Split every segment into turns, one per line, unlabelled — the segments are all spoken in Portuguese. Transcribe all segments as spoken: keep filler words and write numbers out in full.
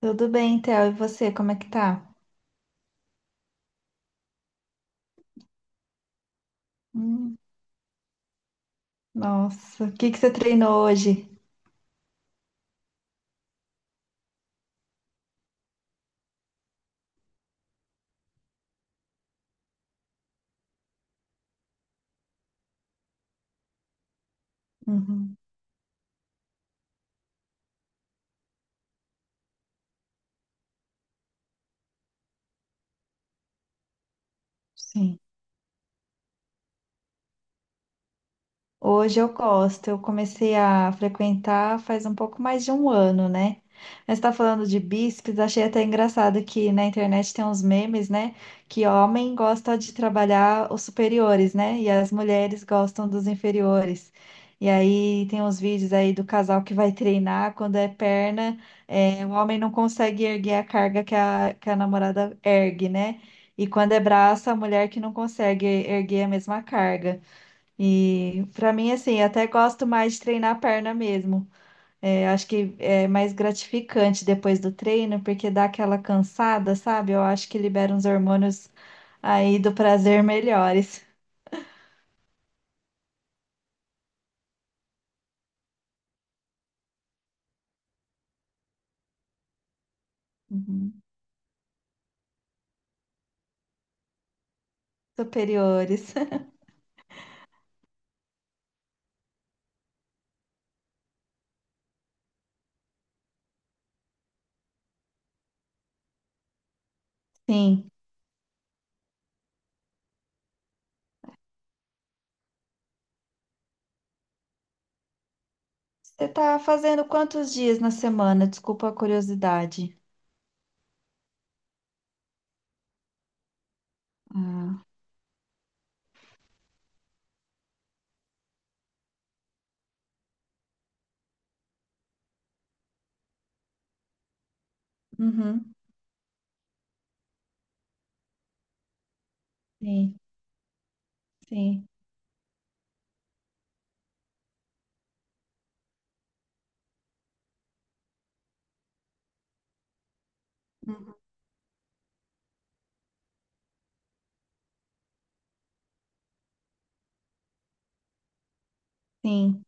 Tudo bem, Theo? E você, como é que tá? Hum, nossa, o que que você treinou hoje? Uhum, sim. Hoje eu gosto, eu comecei a frequentar faz um pouco mais de um ano, né? Mas tá falando de bíceps, achei até engraçado que na internet tem uns memes, né? Que homem gosta de trabalhar os superiores, né? E as mulheres gostam dos inferiores. E aí tem uns vídeos aí do casal que vai treinar, quando é perna, é, o homem não consegue erguer a carga que a, que a namorada ergue, né? E quando é braço, a mulher que não consegue erguer a mesma carga. E para mim, assim, eu até gosto mais de treinar a perna mesmo. É, acho que é mais gratificante depois do treino, porque dá aquela cansada, sabe? Eu acho que libera uns hormônios aí do prazer melhores, uhum, superiores. Sim. Você tá fazendo quantos dias na semana? Desculpa a curiosidade. Ah, uhum, sim, sim, uhum, sim.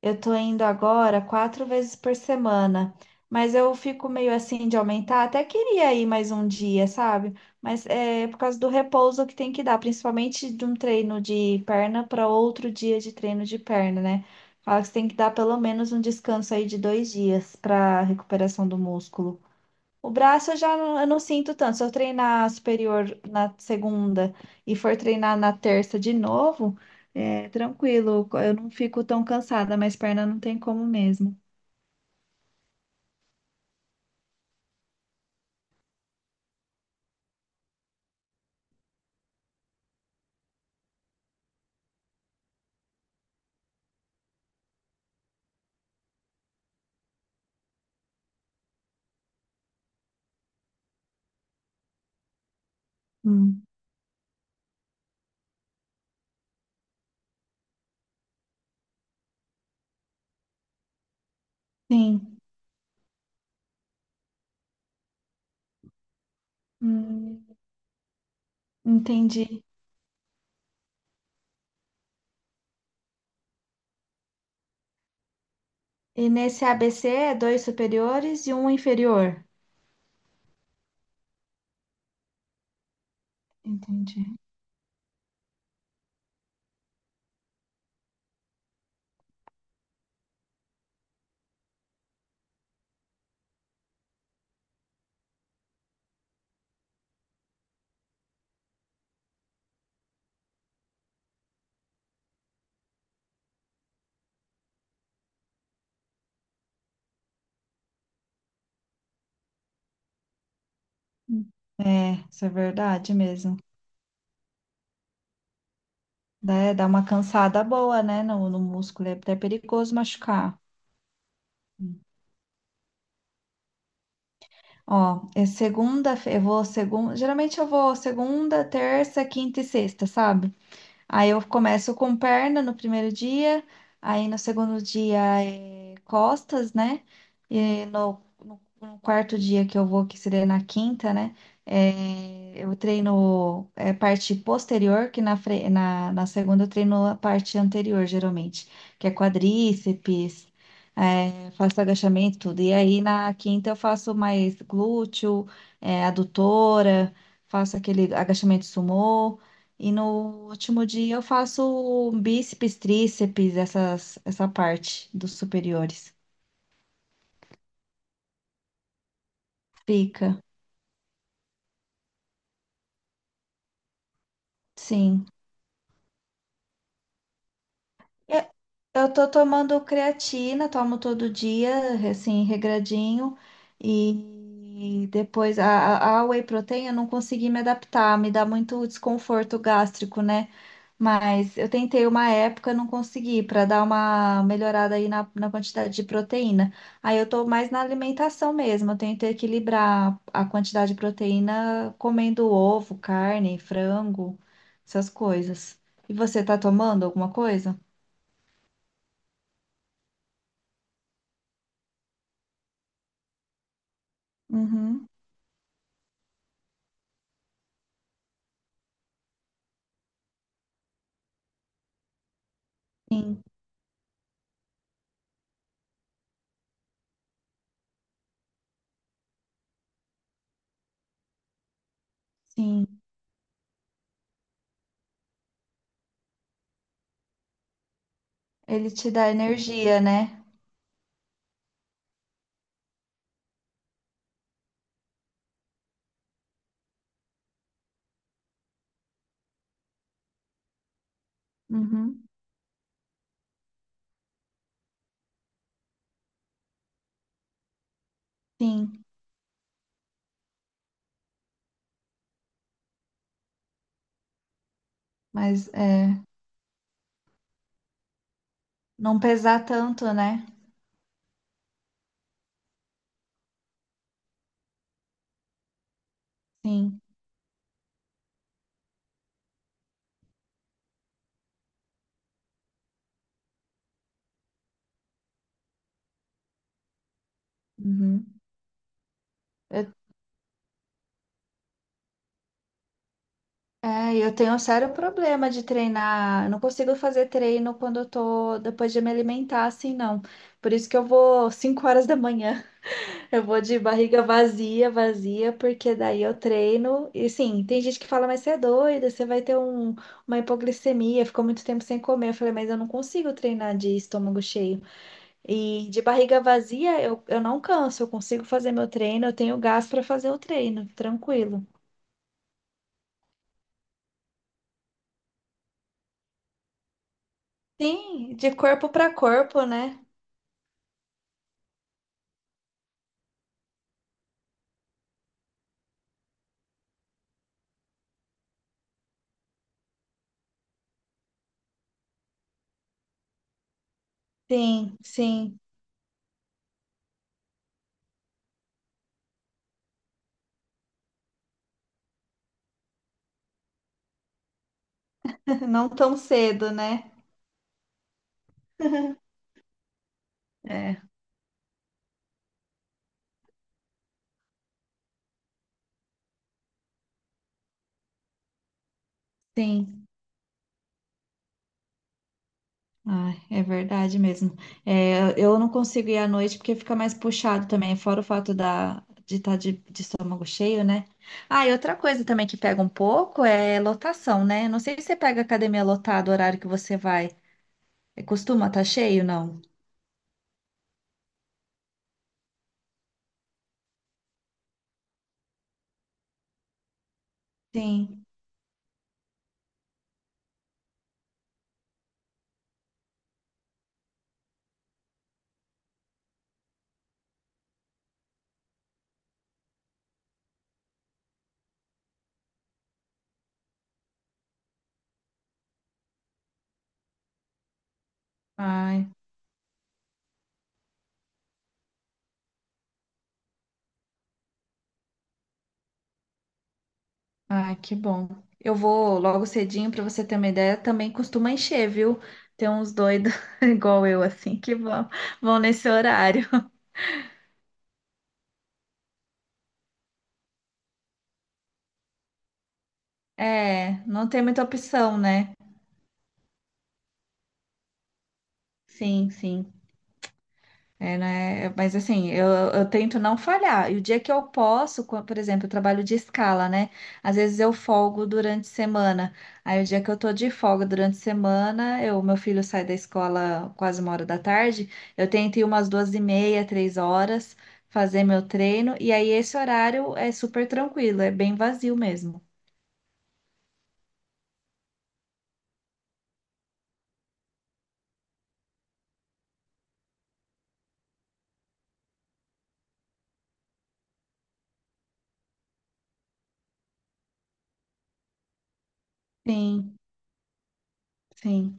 Eu tô indo agora quatro vezes por semana, mas eu fico meio assim de aumentar. Até queria ir mais um dia, sabe? Mas é por causa do repouso que tem que dar, principalmente de um treino de perna para outro dia de treino de perna, né? Fala que você tem que dar pelo menos um descanso aí de dois dias para recuperação do músculo. O braço eu já não, eu não sinto tanto. Se eu treinar superior na segunda e for treinar na terça de novo, é tranquilo, eu não fico tão cansada, mas perna não tem como mesmo. Hum, sim, Hum, entendi. E nesse A B C é dois superiores e um inferior. Entendi. Hum. É, isso é verdade mesmo. Dá, dá uma cansada boa, né? No, no músculo é até perigoso machucar. Ó, é segunda, eu vou segunda, geralmente eu vou segunda, terça, quinta e sexta, sabe? Aí eu começo com perna no primeiro dia, aí no segundo dia é costas, né? E no, no- no quarto dia que eu vou, que seria na quinta, né? É, eu treino é, parte posterior, que na, fre- na, na segunda eu treino a parte anterior, geralmente, que é quadríceps, é, faço agachamento, tudo. E aí na quinta eu faço mais glúteo, é, adutora, faço aquele agachamento sumô. E no último dia eu faço bíceps, tríceps, essas, essa parte dos superiores. Fica, sim. É, eu tô tomando creatina, tomo todo dia, assim, regradinho. E depois a, a a whey protein eu não consegui me adaptar, me dá muito desconforto gástrico, né? Mas eu tentei uma época, não consegui, para dar uma melhorada aí na, na quantidade de proteína. Aí eu tô mais na alimentação mesmo, eu tento equilibrar a quantidade de proteína comendo ovo, carne, frango, essas coisas. E você tá tomando alguma coisa? Uhum. Sim, sim. Ele te dá energia, né? Uhum, sim. Mas é, não pesar tanto, né? Sim. Uhum. É, eu tenho um sério problema de treinar. Eu não consigo fazer treino quando eu tô depois de me alimentar, assim, não. Por isso que eu vou cinco horas da manhã. Eu vou de barriga vazia, vazia, porque daí eu treino. E sim, tem gente que fala, mas você é doida, você vai ter um- uma hipoglicemia, ficou muito tempo sem comer. Eu falei, mas eu não consigo treinar de estômago cheio. E de barriga vazia, eu, eu não canso, eu consigo fazer meu treino, eu tenho gás para fazer o treino, tranquilo. Sim, de corpo para corpo, né? Sim, sim. Não tão cedo, né? É, sim. Ai, é verdade mesmo. É, eu não consigo ir à noite porque fica mais puxado também, fora o fato da, de estar de, de estômago cheio, né? Ah, e outra coisa também que pega um pouco é lotação, né? Não sei se você pega academia lotada o horário que você vai. É, costuma estar cheio, não? Sim. Ai, Ai, que bom. Eu vou logo cedinho para você ter uma ideia. Também costuma encher, viu? Tem uns doidos igual eu, assim, que vão, vão nesse horário. É, não tem muita opção, né? Sim, sim. É, né? Mas assim, eu, eu tento não falhar. E o dia que eu posso, co- por exemplo, eu trabalho de escala, né? Às vezes eu folgo durante a semana. Aí o dia que eu tô de folga durante a semana, eu, meu filho sai da escola quase uma hora da tarde, eu tento ir umas duas e meia, três horas, fazer meu treino. E aí esse horário é super tranquilo, é bem vazio mesmo. Sim, sim.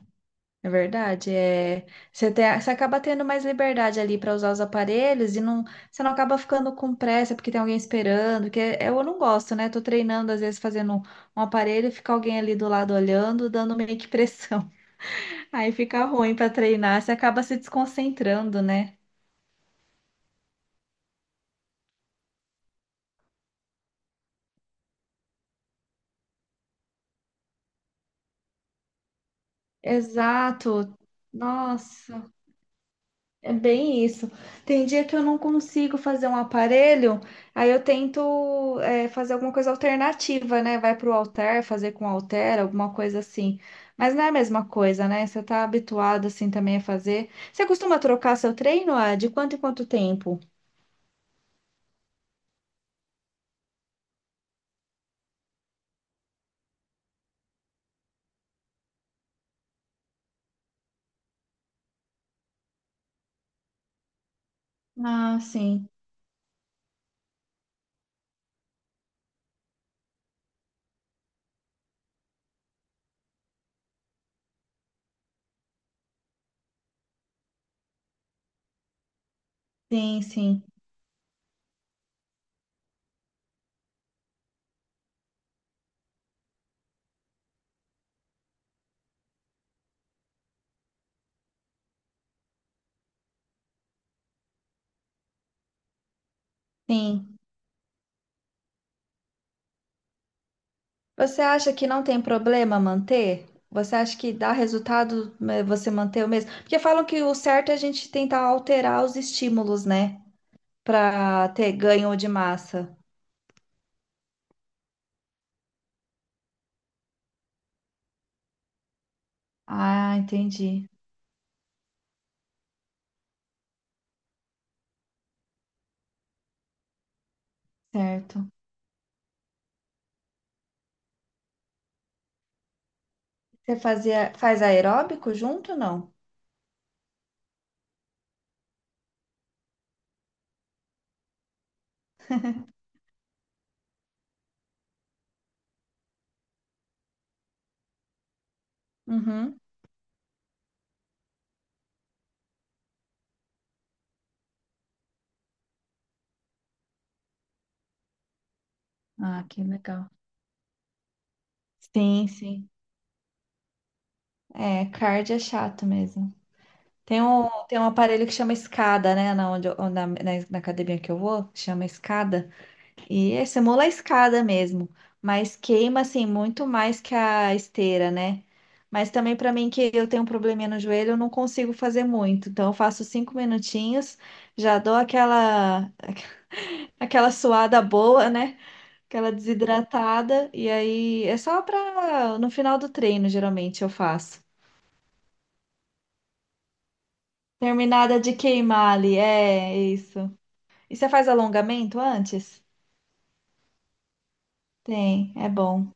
É verdade, é, você, te- você acaba tendo mais liberdade ali para usar os aparelhos e não, você não acaba ficando com pressa porque tem alguém esperando, que eu não gosto, né? Tô treinando, às vezes fazendo um, um aparelho, e fica alguém ali do lado olhando, dando meio que pressão. Aí fica ruim para treinar, você acaba se desconcentrando, né? Exato. Nossa. É bem isso. Tem dia que eu não consigo fazer um aparelho, aí eu tento é, fazer alguma coisa alternativa, né? Vai para o halter, fazer com halter, alguma coisa assim. Mas não é a mesma coisa, né? Você tá habituado assim também a fazer. Você costuma trocar seu treino, ah, de quanto em quanto tempo? Ah, sim, sim, sim, sim. Você acha que não tem problema manter? Você acha que dá resultado, né, você manter o mesmo? Porque falam que o certo é a gente tentar alterar os estímulos, né? Para ter ganho de massa. Ah, entendi. Certo. Você fazia, faz aeróbico junto, não? Uhum. Ah, que legal. Sim, sim. É, cardio é chato mesmo. Tem um, tem um aparelho que chama escada, né? Na, onde, eu- na, na na academia que eu vou, chama escada. E é semola a escada mesmo, mas queima assim muito mais que a esteira, né? Mas também para mim que eu tenho um probleminha no joelho, eu não consigo fazer muito. Então eu faço cinco minutinhos, já dou aquela aquela suada boa, né? Aquela desidratada e aí é só para no final do treino geralmente eu faço. Terminada de queimar ali, é isso. E você faz alongamento antes? Tem, é bom.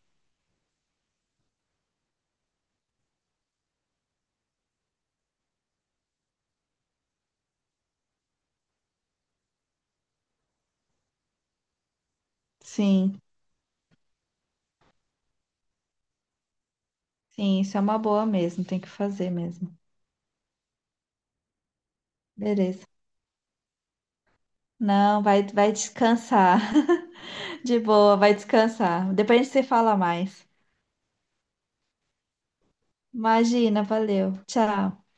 Sim. Sim, isso é uma boa mesmo, tem que fazer mesmo. Beleza. Não, vai, vai descansar. De boa, vai descansar. Depois a gente se fala mais. Imagina, valeu. Tchau.